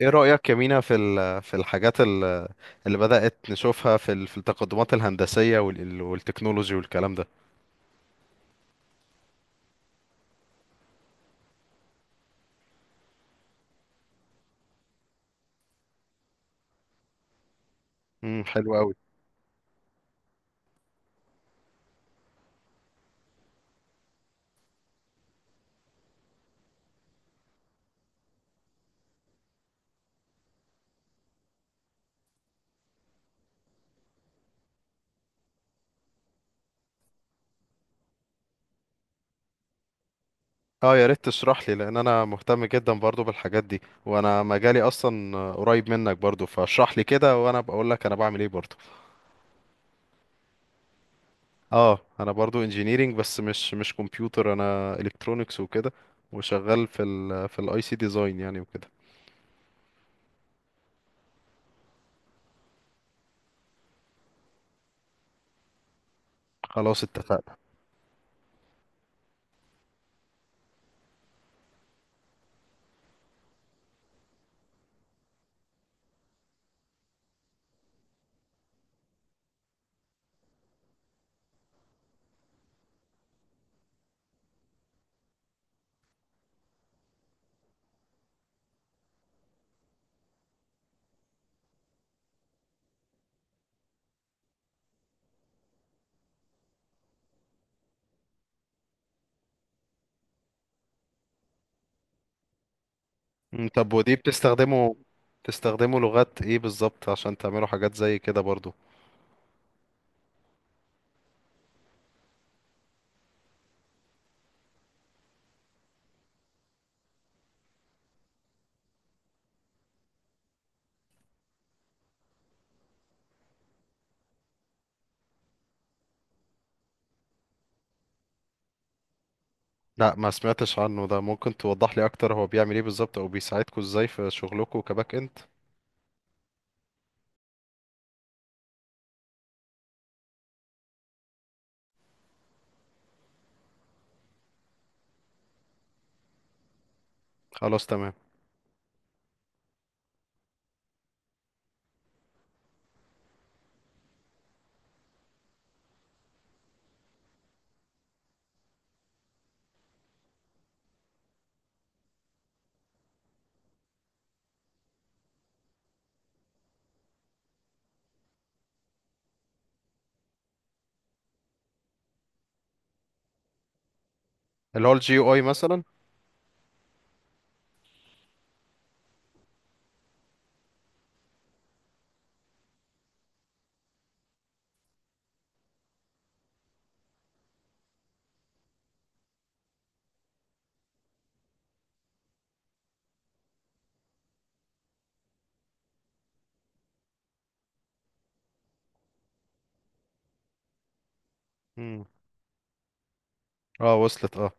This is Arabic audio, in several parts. ايه رأيك يا مينا في الحاجات اللي بدأت نشوفها في في التقدمات الهندسية والتكنولوجي والكلام ده. حلو قوي. اه يا ريت تشرح لي لان انا مهتم جدا برضو بالحاجات دي، وانا مجالي اصلا قريب منك برضو، فاشرح لي كده وانا بقول لك انا بعمل ايه برضو. اه انا برضو انجينيرينج بس مش كمبيوتر، انا الكترونكس وكده. وشغال في الاي سي ديزاين يعني وكده. خلاص اتفقنا. مم، طب ودي بتستخدمه، بتستخدمه لغات ايه بالظبط عشان تعملوا حاجات زي كده برضو؟ لا ما سمعتش عنه ده، ممكن توضح لي اكتر هو بيعمل ايه بالظبط او بيساعدكم ازاي في شغلكم كباك اند؟ خلاص تمام. اللي هو الجي او اي مثلا. مم. اه وصلت اه.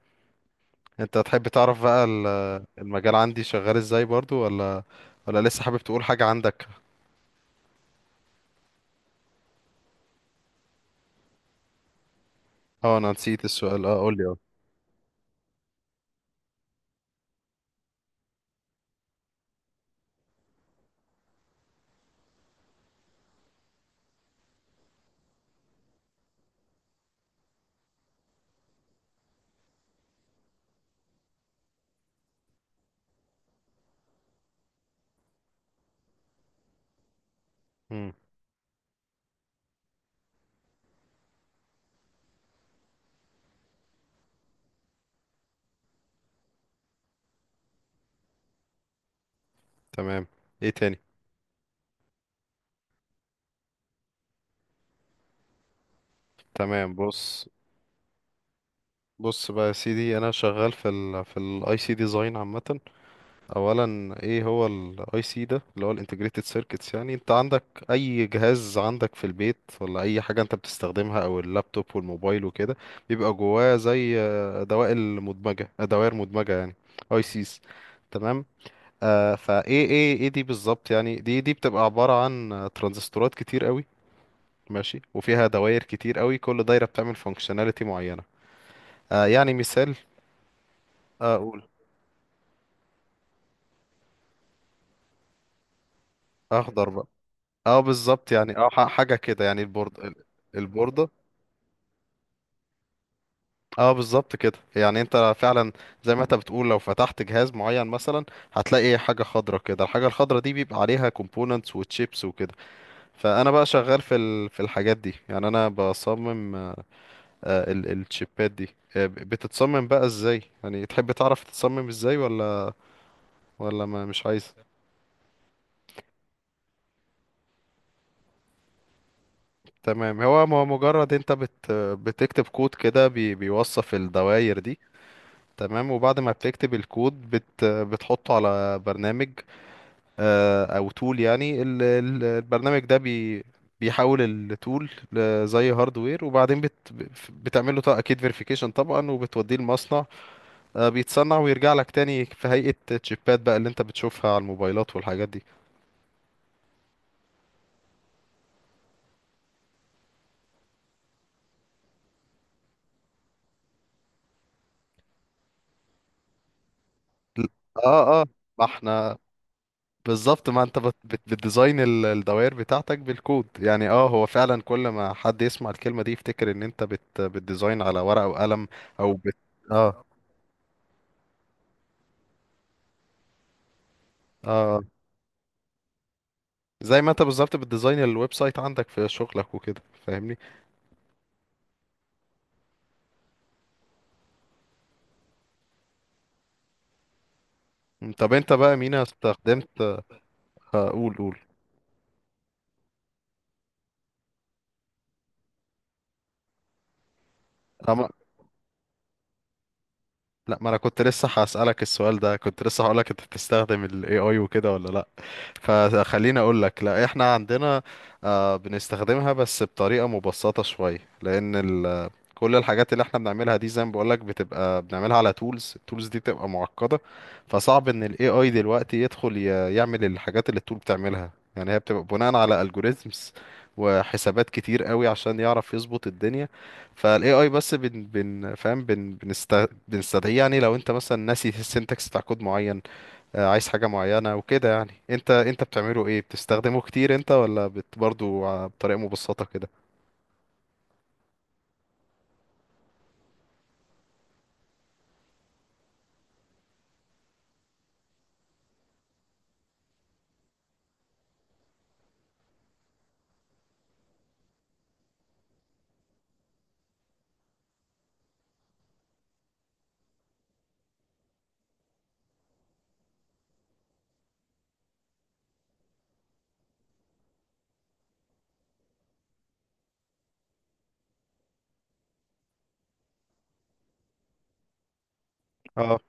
انت تحب تعرف بقى المجال عندي شغال ازاي برضو ولا ولا لسه حابب تقول حاجة عندك؟ اه انا نسيت السؤال، اه قول لي اه. مم، تمام. ايه تاني؟ تمام بص. بص بقى يا سيدي انا شغال في الاي سي ديزاين عامة. اولا ايه هو الاي سي ده؟ اللي هو الانتجريتد سيركتس. يعني انت عندك اي جهاز عندك في البيت ولا اي حاجه انت بتستخدمها او اللابتوب والموبايل وكده، بيبقى جواه زي دوائر مدمجه، دوائر مدمجه يعني. اي سيز. تمام. فايه ايه دي بالظبط؟ يعني دي بتبقى عباره عن ترانزستورات كتير قوي، ماشي، وفيها دوائر كتير قوي، كل دايره بتعمل فانكشناليتي معينه. آه يعني مثال اقول، اخضر بقى. اه بالظبط يعني، اه حاجه كده يعني، البورده. اه بالظبط كده يعني، انت فعلا زي ما انت بتقول لو فتحت جهاز معين مثلا هتلاقي ايه حاجه خضرا كده، الحاجه الخضرا دي بيبقى عليها كومبوننتس وتشيبس وكده. فانا بقى شغال في الحاجات دي، يعني انا بصمم الشيبات دي. آه، بتتصمم بقى ازاي يعني، تحب تعرف تتصمم ازاي ولا ولا ما مش عايز؟ تمام. هو هو مجرد انت بتكتب كود كده بيوصف الدوائر دي. تمام، وبعد ما بتكتب الكود بتحطه على برنامج، او تول يعني، البرنامج ده بيحول التول زي هاردوير، وبعدين بتعمل له اكيد فيريفيكيشن طبعا وبتوديه المصنع. آه، بيتصنع ويرجع لك تاني في هيئة تشيبات بقى، اللي انت بتشوفها على الموبايلات والحاجات دي. ل- اه اه. ما احنا بالظبط، ما انت بتديزاين الدوائر بتاعتك بالكود يعني. اه هو فعلا كل ما حد يسمع الكلمة دي يفتكر ان انت بتديزاين على ورقة وقلم او بت... اه اه. زي ما انت بالظبط بتديزاين الويب سايت عندك في شغلك وكده، فاهمني. م، طب انت بقى مينا استخدمت قول، قول. لا، ما انا كنت لسه هسألك السؤال ده، كنت لسه هقولك انت بتستخدم ال AI وكده ولا لا. فخليني اقولك، لا احنا عندنا بنستخدمها بس بطريقة مبسطة شوية، لان ال كل الحاجات اللي احنا بنعملها دي زي ما بقولك بتبقى بنعملها على تولز، التولز دي بتبقى معقدة. فصعب ان ال AI دلوقتي يدخل يعمل الحاجات اللي التول بتعملها. يعني هي بتبقى بناء على algorithms وحسابات كتير قوي عشان يعرف يظبط الدنيا. فالاي اي بس بن بن فاهم بن بنست بنستدعيه يعني لو انت مثلا ناسي السنتكس بتاع كود معين، آه، عايز حاجه معينه وكده يعني. انت بتعمله ايه؟ بتستخدمه كتير انت ولا برضه بطريقه مبسطه كده؟ اه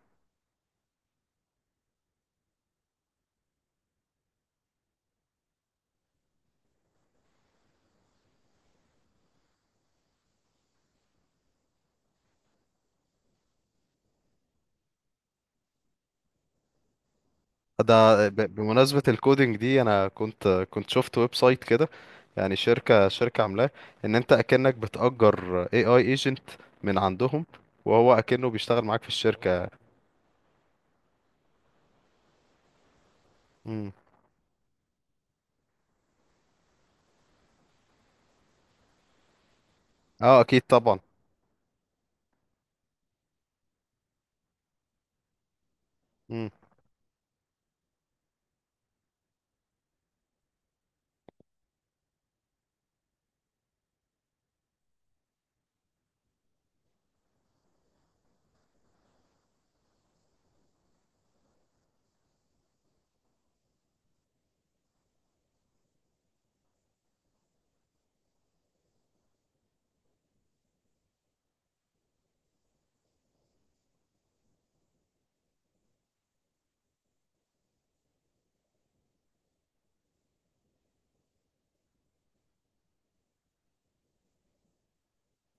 ده، بمناسبه الكودينج دي انا كنت شفت ويب سايت كده، يعني شركه عاملاه ان انت اكنك بتأجر اي اي ايجنت من عندهم، وهو اكنه بيشتغل معاك في الشركه. امم. اه اكيد طبعا.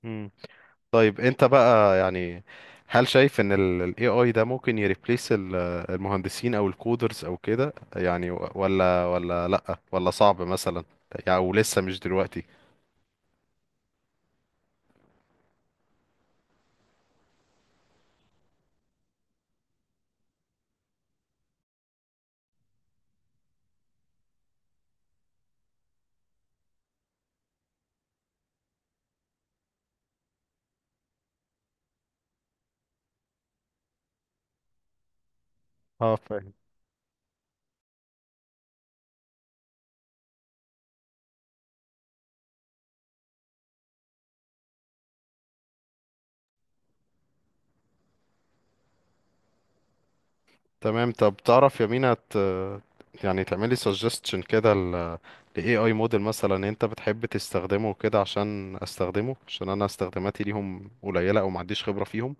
امم. طيب انت بقى يعني هل شايف ان ال AI ده ممكن يريبليس المهندسين او الكودرز او كده يعني ولا ولا لأ، ولا صعب مثلا يعني، او لسه مش دلوقتي؟ اه فاهم. تمام. طب تعرف يا مينا يعني تعملي suggestion كده ل AI model مثلا انت بتحب تستخدمه كده عشان استخدمه، عشان انا استخداماتي ليهم قليلة او ما عنديش خبرة فيهم.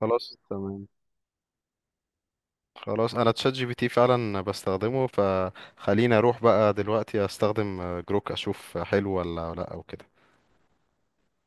خلاص تمام. خلاص انا تشات جي بي تي فعلا بستخدمه، فخليني اروح بقى دلوقتي استخدم آه، جروك اشوف حلو ولا لا او كده.